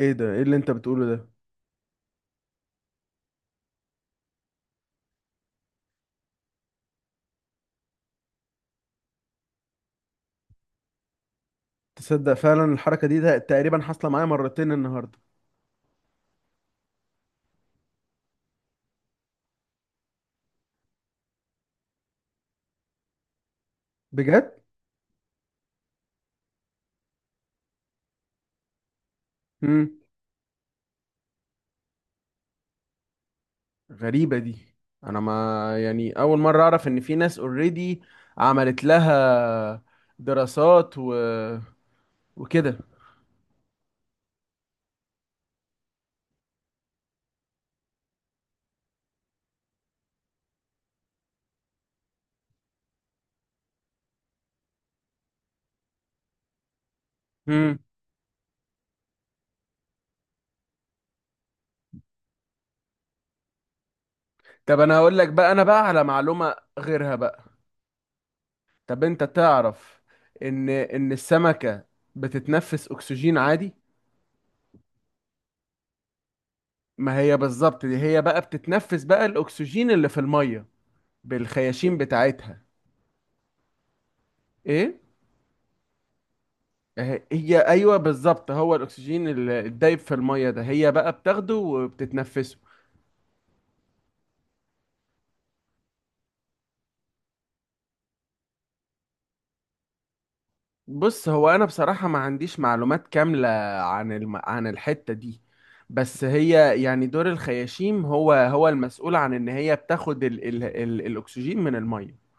ايه ده؟ ايه اللي انت بتقوله ده؟ تصدق فعلا الحركه دي ده تقريبا حاصله معايا مرتين النهارده. بجد. امم غريبه دي. انا ما. يعني اول مره اعرف ان في ناس اوريدي عملت لها دراسات وكده. امم طب انا هقول لك بقى، انا بقى على معلومه غيرها بقى. طب انت تعرف ان السمكه بتتنفس اكسجين عادي. ما هي بالظبط دي، هي بقى بتتنفس بقى الاكسجين اللي في الميه بالخياشيم بتاعتها. ايه؟ هي ايوه بالظبط، هو الاكسجين الدايب في الميه ده، هي بقى بتاخده وبتتنفسه. بص، هو انا بصراحه ما عنديش معلومات كامله عن عن الحته دي، بس هي يعني دور الخياشيم هو هو المسؤول عن ان هي بتاخد الاكسجين من الميه.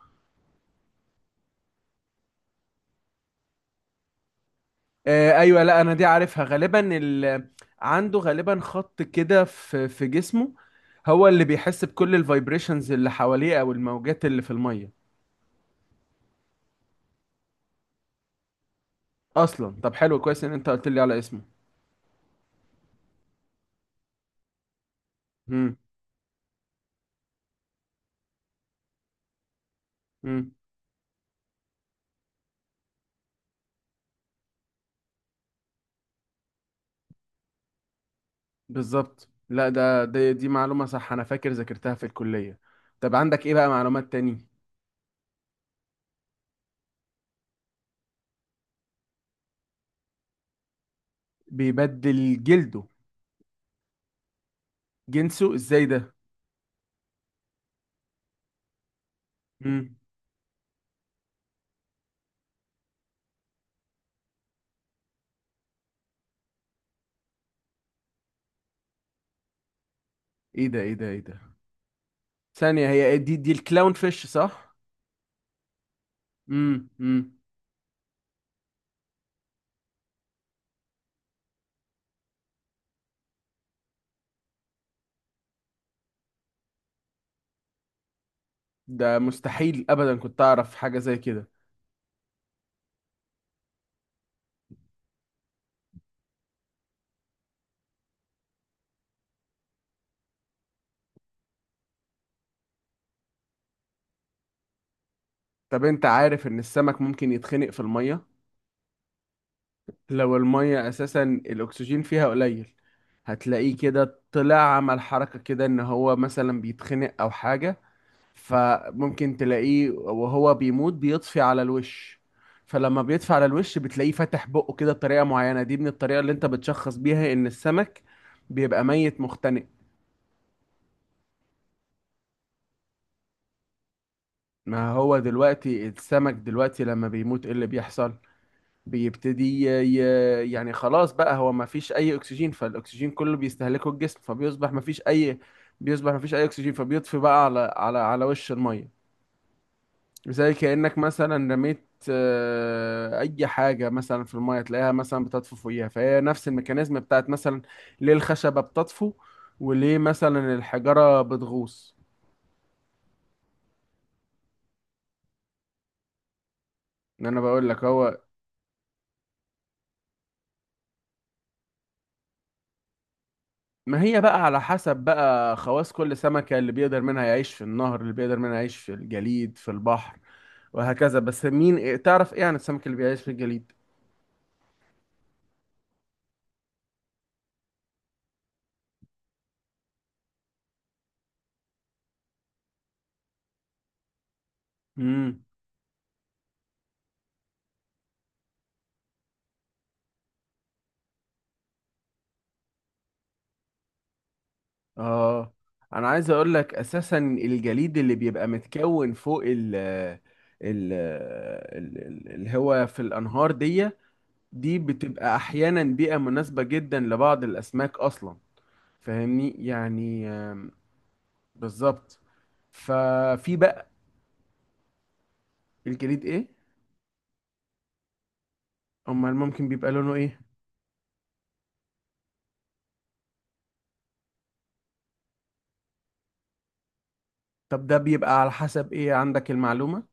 ايوه، لا انا دي عارفها، عنده غالبا خط كده في جسمه، هو اللي بيحس بكل الفايبريشنز اللي حواليه او الموجات اللي في الميه اصلا. طب حلو، كويس ان انت قلت لي على اسمه. امم. امم. بالظبط، لا ده دي معلومة صح، انا فاكر ذاكرتها في الكلية. طب عندك ايه بقى معلومات تاني؟ بيبدل جلده؟ جنسه ازاي ده؟ امم. ايه ده؟ ايه ده؟ ايه ده؟ ثانية، هي إيه دي؟ دي الكلاون فيش صح؟ امم. امم. ده مستحيل ابدا كنت اعرف حاجة زي كده. طب انت عارف ان السمك ممكن يتخنق في المية؟ لو المية اساسا الاكسجين فيها قليل، هتلاقيه كده طلع عمل حركة كده ان هو مثلا بيتخنق او حاجة. فممكن تلاقيه وهو بيموت بيطفي على الوش. فلما بيطفي على الوش، بتلاقيه فاتح بقه كده بطريقة معينة. دي من الطريقة اللي انت بتشخص بيها ان السمك بيبقى ميت مختنق. ما هو دلوقتي السمك دلوقتي لما بيموت، ايه اللي بيحصل؟ بيبتدي ي... يعني خلاص بقى، هو ما فيش اي اكسجين، فالاكسجين كله بيستهلكه الجسم، فبيصبح ما فيش اي بيصبح ما فيش اي اكسجين، فبيطفي بقى على وش المية. زي كأنك مثلا رميت أي حاجة مثلا في المية تلاقيها مثلا بتطفو فوقيها. فهي نفس الميكانيزم بتاعت مثلا ليه الخشبة بتطفو وليه مثلا الحجارة بتغوص. إن أنا بقول لك هو ما هي بقى على حسب بقى خواص كل سمكة، اللي بيقدر منها يعيش في النهر، اللي بيقدر منها يعيش في الجليد، في البحر، وهكذا. بس مين تعرف إيه عن السمك اللي بيعيش في الجليد؟ اه. انا عايز اقول لك اساسا الجليد اللي بيبقى متكون فوق اللي هو في الانهار دي، دي بتبقى احيانا بيئة مناسبة جدا لبعض الاسماك اصلا. فاهمني، يعني بالظبط. ففي بقى. الجليد ايه؟ امال ممكن بيبقى لونه ايه؟ طب ده بيبقى على حسب ايه عندك المعلومة؟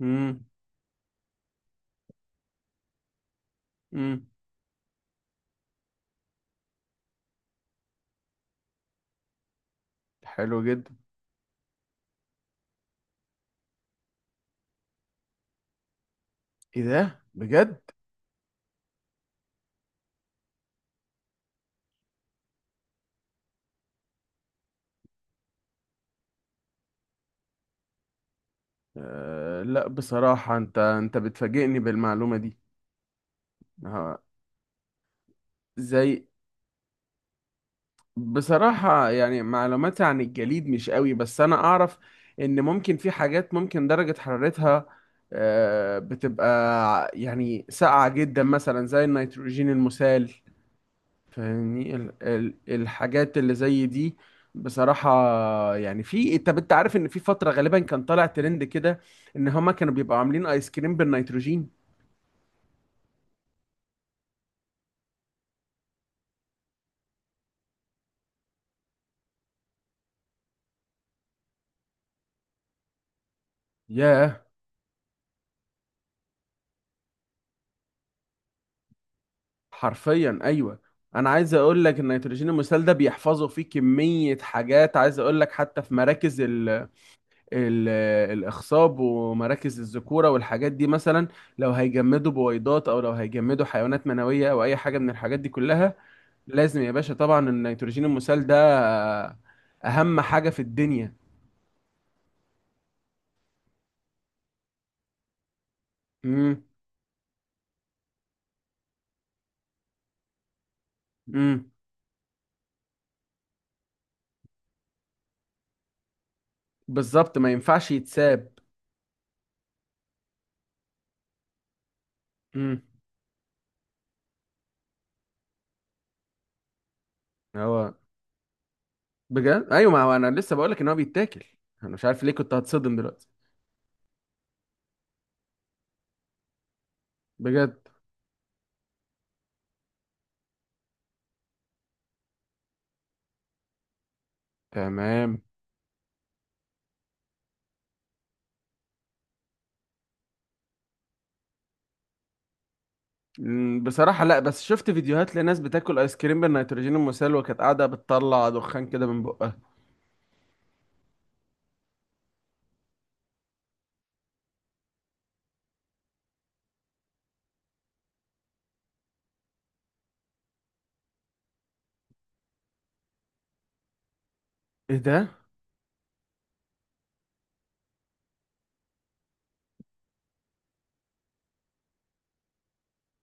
امم. امم. حلو جدا. ايه ده بجد؟ أه لا بصراحة انت بتفاجئني بالمعلومة دي. ها؟ زي. بصراحة يعني معلوماتي عن الجليد مش قوي، بس انا اعرف ان ممكن في حاجات ممكن درجة حرارتها أه بتبقى يعني ساقعة جدا، مثلا زي النيتروجين المسال. فاهمني، ال ال الحاجات اللي زي دي. بصراحة يعني في. طب انت عارف ان في فترة غالبا كان طالع ترند كده ان هما كانوا بيبقوا عاملين ايس كريم بالنيتروجين؟ ياه. حرفيا ايوه. انا عايز اقول لك النيتروجين المسال ده بيحفظوا فيه كميه حاجات. عايز اقول لك حتى في مراكز ال ال الاخصاب، ومراكز الذكوره، والحاجات دي مثلا، لو هيجمدوا بويضات او لو هيجمدوا حيوانات منويه او اي حاجه من الحاجات دي كلها، لازم يا باشا طبعا النيتروجين المسال ده اهم حاجه في الدنيا. امم. امم. بالظبط، ما ينفعش يتساب. امم. هو بجد؟ ايوه، ما هو انا لسه بقول لك ان هو بيتاكل. انا مش عارف ليه كنت هتصدم دلوقتي. بجد. تمام. بصراحة لا، بس شفت فيديوهات لناس بتاكل ايس كريم بالنيتروجين المسال وكانت قاعدة بتطلع دخان كده من بقها. ايه ده؟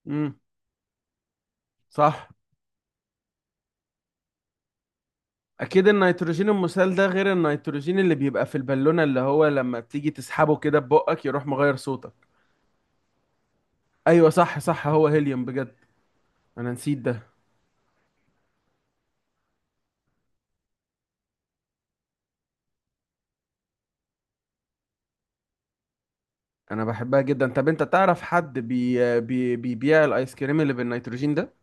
امم. صح. اكيد النيتروجين المسال ده غير النيتروجين اللي بيبقى في البالونة اللي هو لما بتيجي تسحبه كده ببقك يروح مغير صوتك. ايوه صح صح، هو هيليوم بجد، انا نسيت ده. انا بحبها جدا. طب انت تعرف حد بي بي بيبيع الايس كريم اللي بالنيتروجين ده؟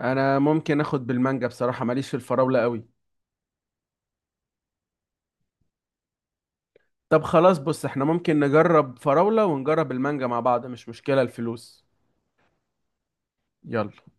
انا ممكن اخد بالمانجا بصراحة، ماليش في الفراولة قوي. طب خلاص، بص احنا ممكن نجرب فراولة ونجرب المانجا مع بعض، مش مشكلة الفلوس. يلا.